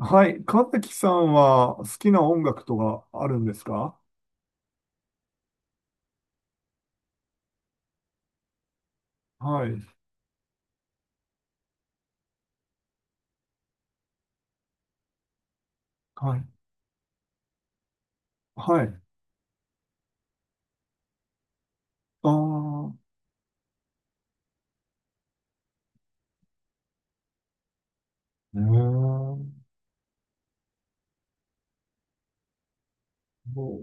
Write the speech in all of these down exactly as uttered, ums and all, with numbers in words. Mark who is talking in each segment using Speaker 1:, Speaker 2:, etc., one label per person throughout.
Speaker 1: はい。神崎さんは好きな音楽とかあるんですか？はい。はい。はい。ああ、うー、そう、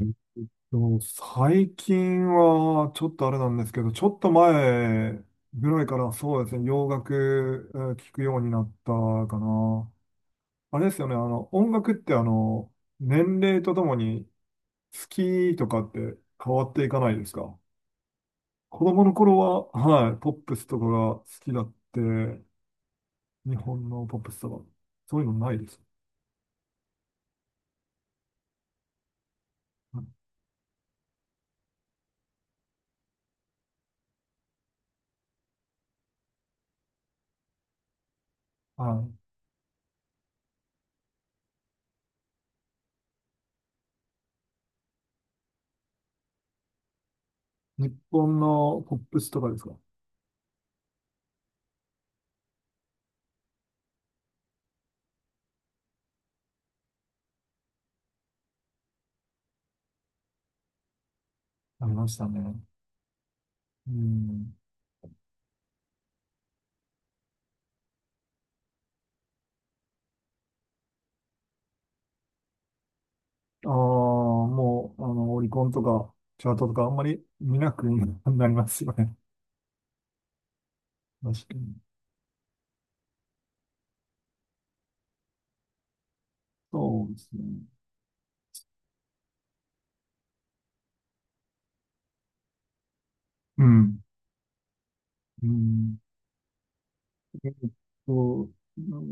Speaker 1: えっと最近はちょっとあれなんですけど、ちょっと前ぐらいからそうですね、洋楽えー聞くようになったかな。あれですよね、あの、音楽ってあの、年齢とともに好きとかって変わっていかないですか？子供の頃は、はい、ポップスとかが好きだって、日本のポップスとか。そういうのないです？うん。はい。日本のポップスとかですか？ありましたね。うん。ああ、もう、あの、オリコンとか、チャートとか、あんまり見なくなりますよね。確かに。そうですね。うん。うん。えっと、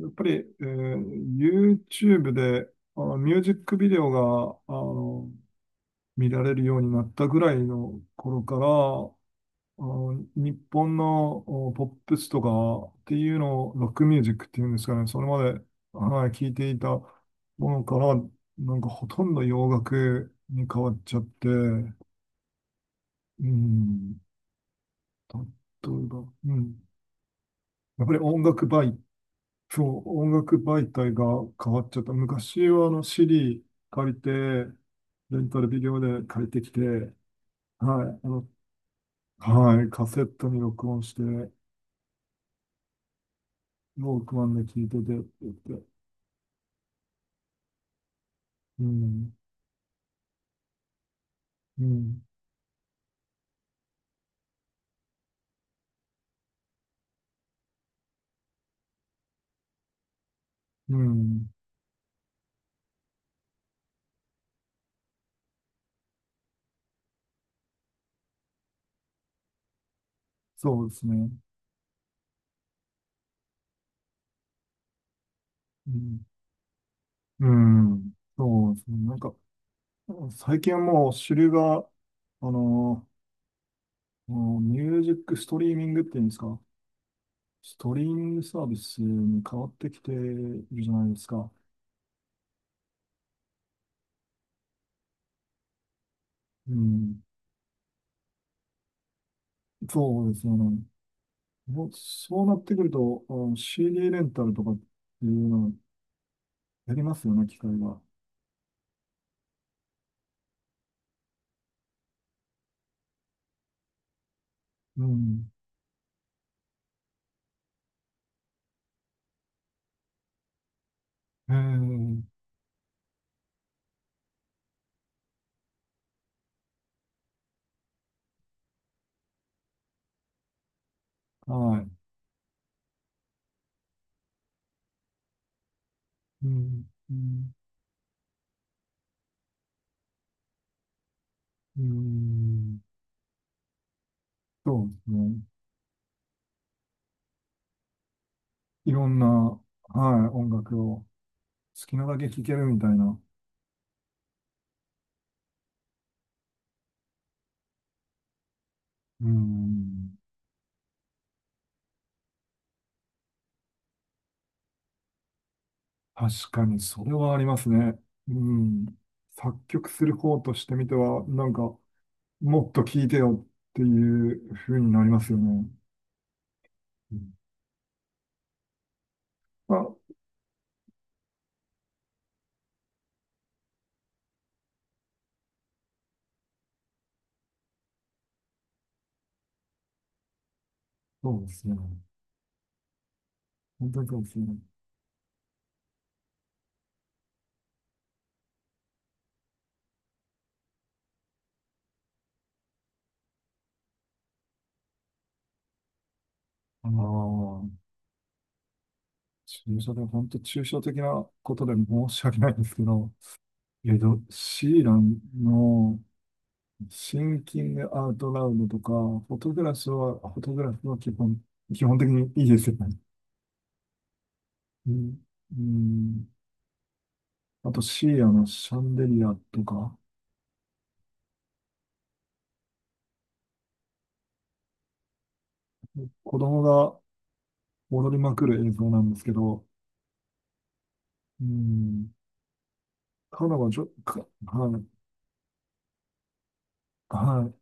Speaker 1: やっぱり、えー YouTube で、あの、ミュージックビデオが、あの、見られるようになったぐらいの頃から、あの日本のおポップスとかっていうのをロックミュージックっていうんですかね、それまで、はい、聞いていたものから、なんかほとんど洋楽に変わっちゃって、うん、例えば、うん、やっぱり音楽媒、そう、音楽媒体が変わっちゃった。昔はあの c ーディー借りて、レンタルビデオで借りてきて、はい、あの、はい、カセットに録音して、ロークマンで聞いててって言って、うん、うん、うん、そうですね。うん、うん、そうですね。なんか、最近はもう主流が、あの、もうミュージックストリーミングっていうんですか、ストリーミングサービスに変わってきているじゃないですか。うん、そうですよね。もうそうなってくると、あの シーディー レンタルとかっていうのをやりますよね、機械が。うん、ええ、はい。うん、うん、うん。そうですね。いろんな、はい、音楽を好きなだけ聴けるみたいな。うん。確かに、それはありますね。うん。作曲する方としてみては、なんか、もっと聴いてよっていう風になりますよね。うん。あ、そうですね。本当にそうですね。ああ、抽象で、本当抽象的なことで申し訳ないんですけど、えっと、シーランの、シンキングアウトラウドとか、フォトグラスは、フォトグラフは基本、基本的にいいですよね。うん。うん。あと、シーアのシャンデリアとか、子供が踊りまくる映像なんですけど、うん。彼女、ちょか、はい、は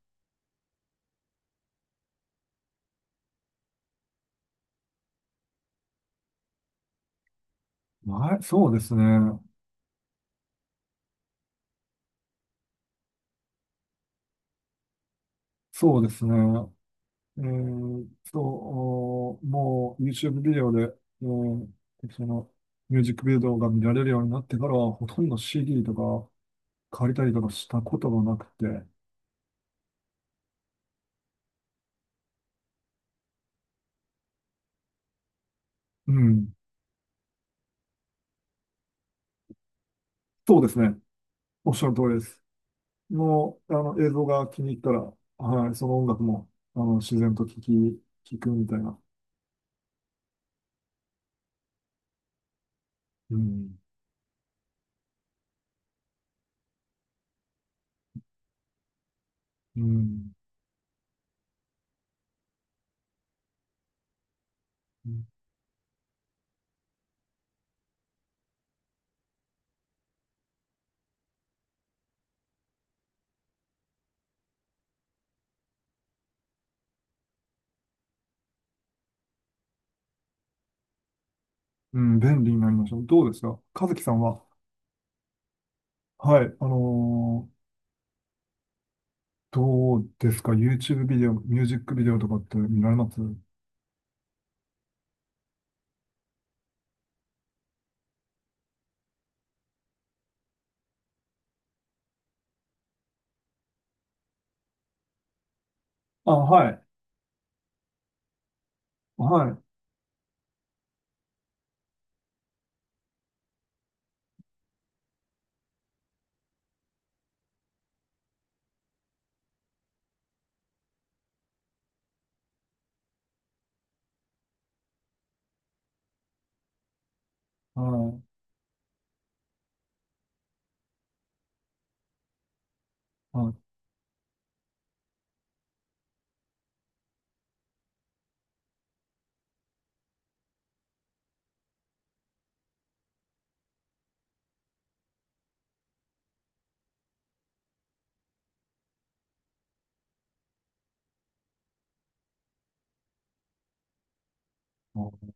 Speaker 1: い、はい、そうですね。そうですね。えー、そう、おもう YouTube ビデオで、うん、その、ミュージックビデオが見られるようになってからは、ほとんど シーディー とか、借りたりとかしたことがなくて、うん、そうですね。おっしゃる通りです。もう、あの、映像が気に入ったら、はい、その音楽も、あの、自然と聞き、聞くみたいな。うん、うん、うん、便利になりました。どうですか和樹さんは、はい、あのーどうですか？ YouTube ビデオ、ミュージックビデオとかって見られますあ、はい、はい、はい、はい、あ、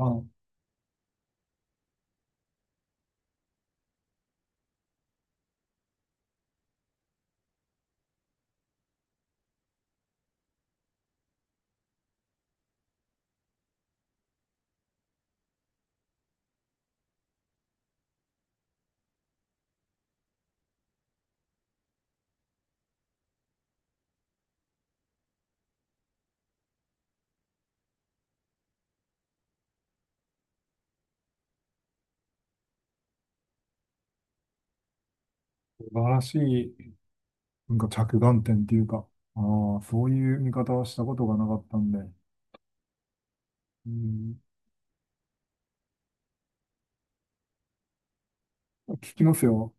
Speaker 1: あ、素晴らしい。なんか着眼点っていうか、ああ、そういう見方はしたことがなかったんで、うん、聞きますよ。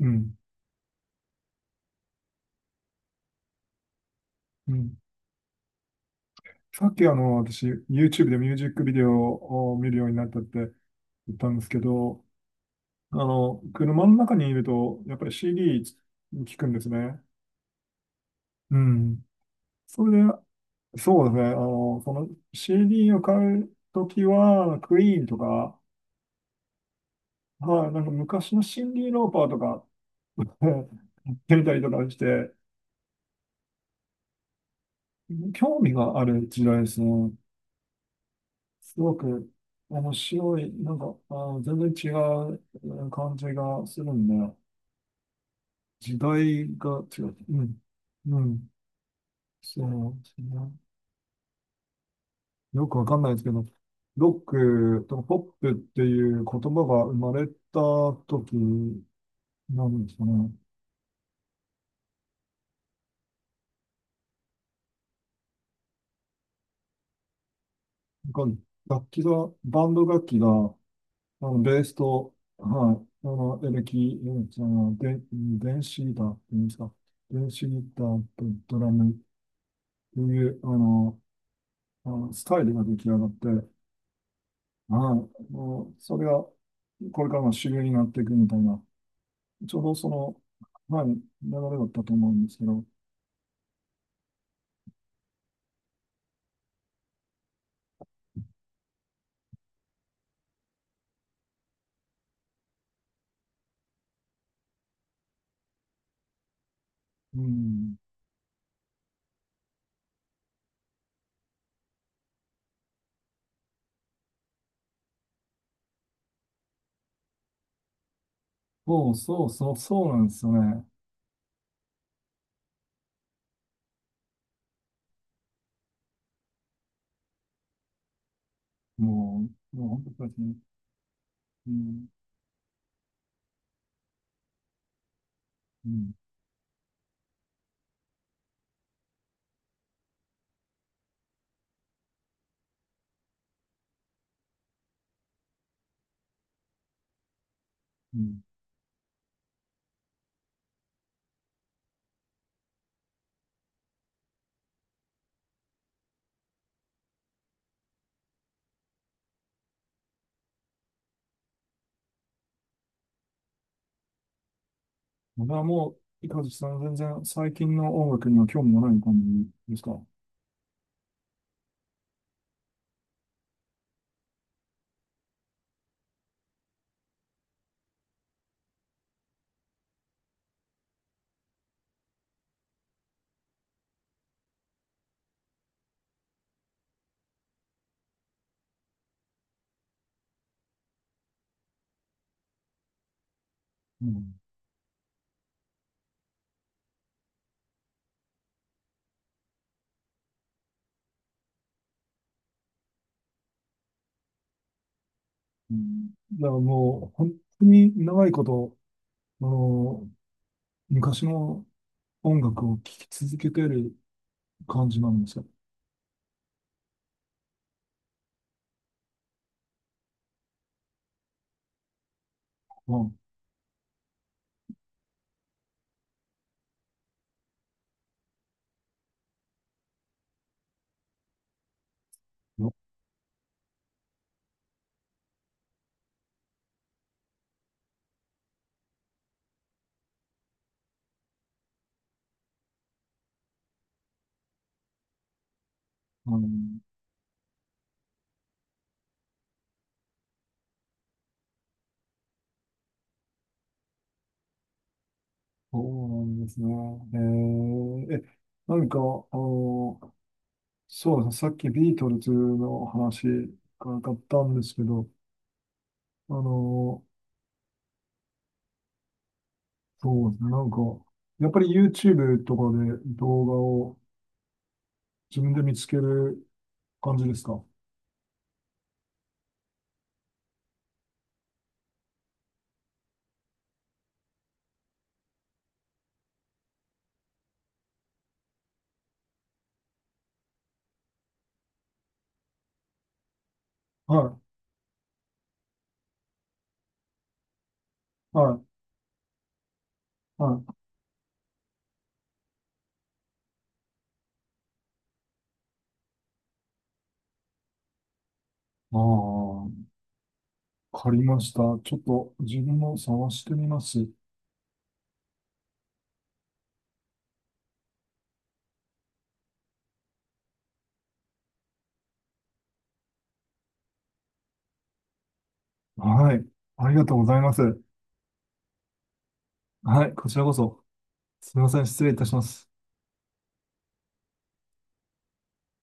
Speaker 1: うん、うん。さっきあの、私、YouTube でミュージックビデオを見るようになったって言ったんですけど、あの、車の中にいると、やっぱり シーディー 聞くんですね。うん。それで、そうですね、あの、その シーディー を買うときは、クイーンとか、はい、なんか昔のシンディ・ローパーとか、やてみたりとかして、興味がある時代ですね。すごく面白い、なんか、あー、全然違ううん感じがするんで、時代が違う。うん。うん。そうですね。よくわかんないですけど、ロックとポップっていう言葉が生まれた時なんですかね。なんか楽器が、バンド楽器があの、ベースと、はい、あの、エレキ、エレキじゃない、で、電子ギターって言うんですか、電子ギターとドラムっていう、あの、あのスタイルが出来上がって、はい、もう、それがこれからの主流になっていくみたいな、ちょうどその、はい、流れだったと思うんですけど、うん、そうそうそう、そうなんですよね。もう、もう本当に、うん、うん、うん。これはもう、いかずさん、全然最近の音楽には興味がない感じですか？うん。うん、じゃあもう、本当に長いこと、あの、昔の音楽を聴き続けてる感じなんですよ。うん。よあの、そうなんですね。えー、え、何か、あの、そうですね、さっきビートルズの話があったんですけど、あの、そうですね、なんか、やっぱり YouTube とかで動画を自分で見つける感じですか？はい、はい、はい。ああ、わかりました。ちょっと自分も探してみます。はい。ありがとうございます。はい、こちらこそ。すみません、失礼いたします。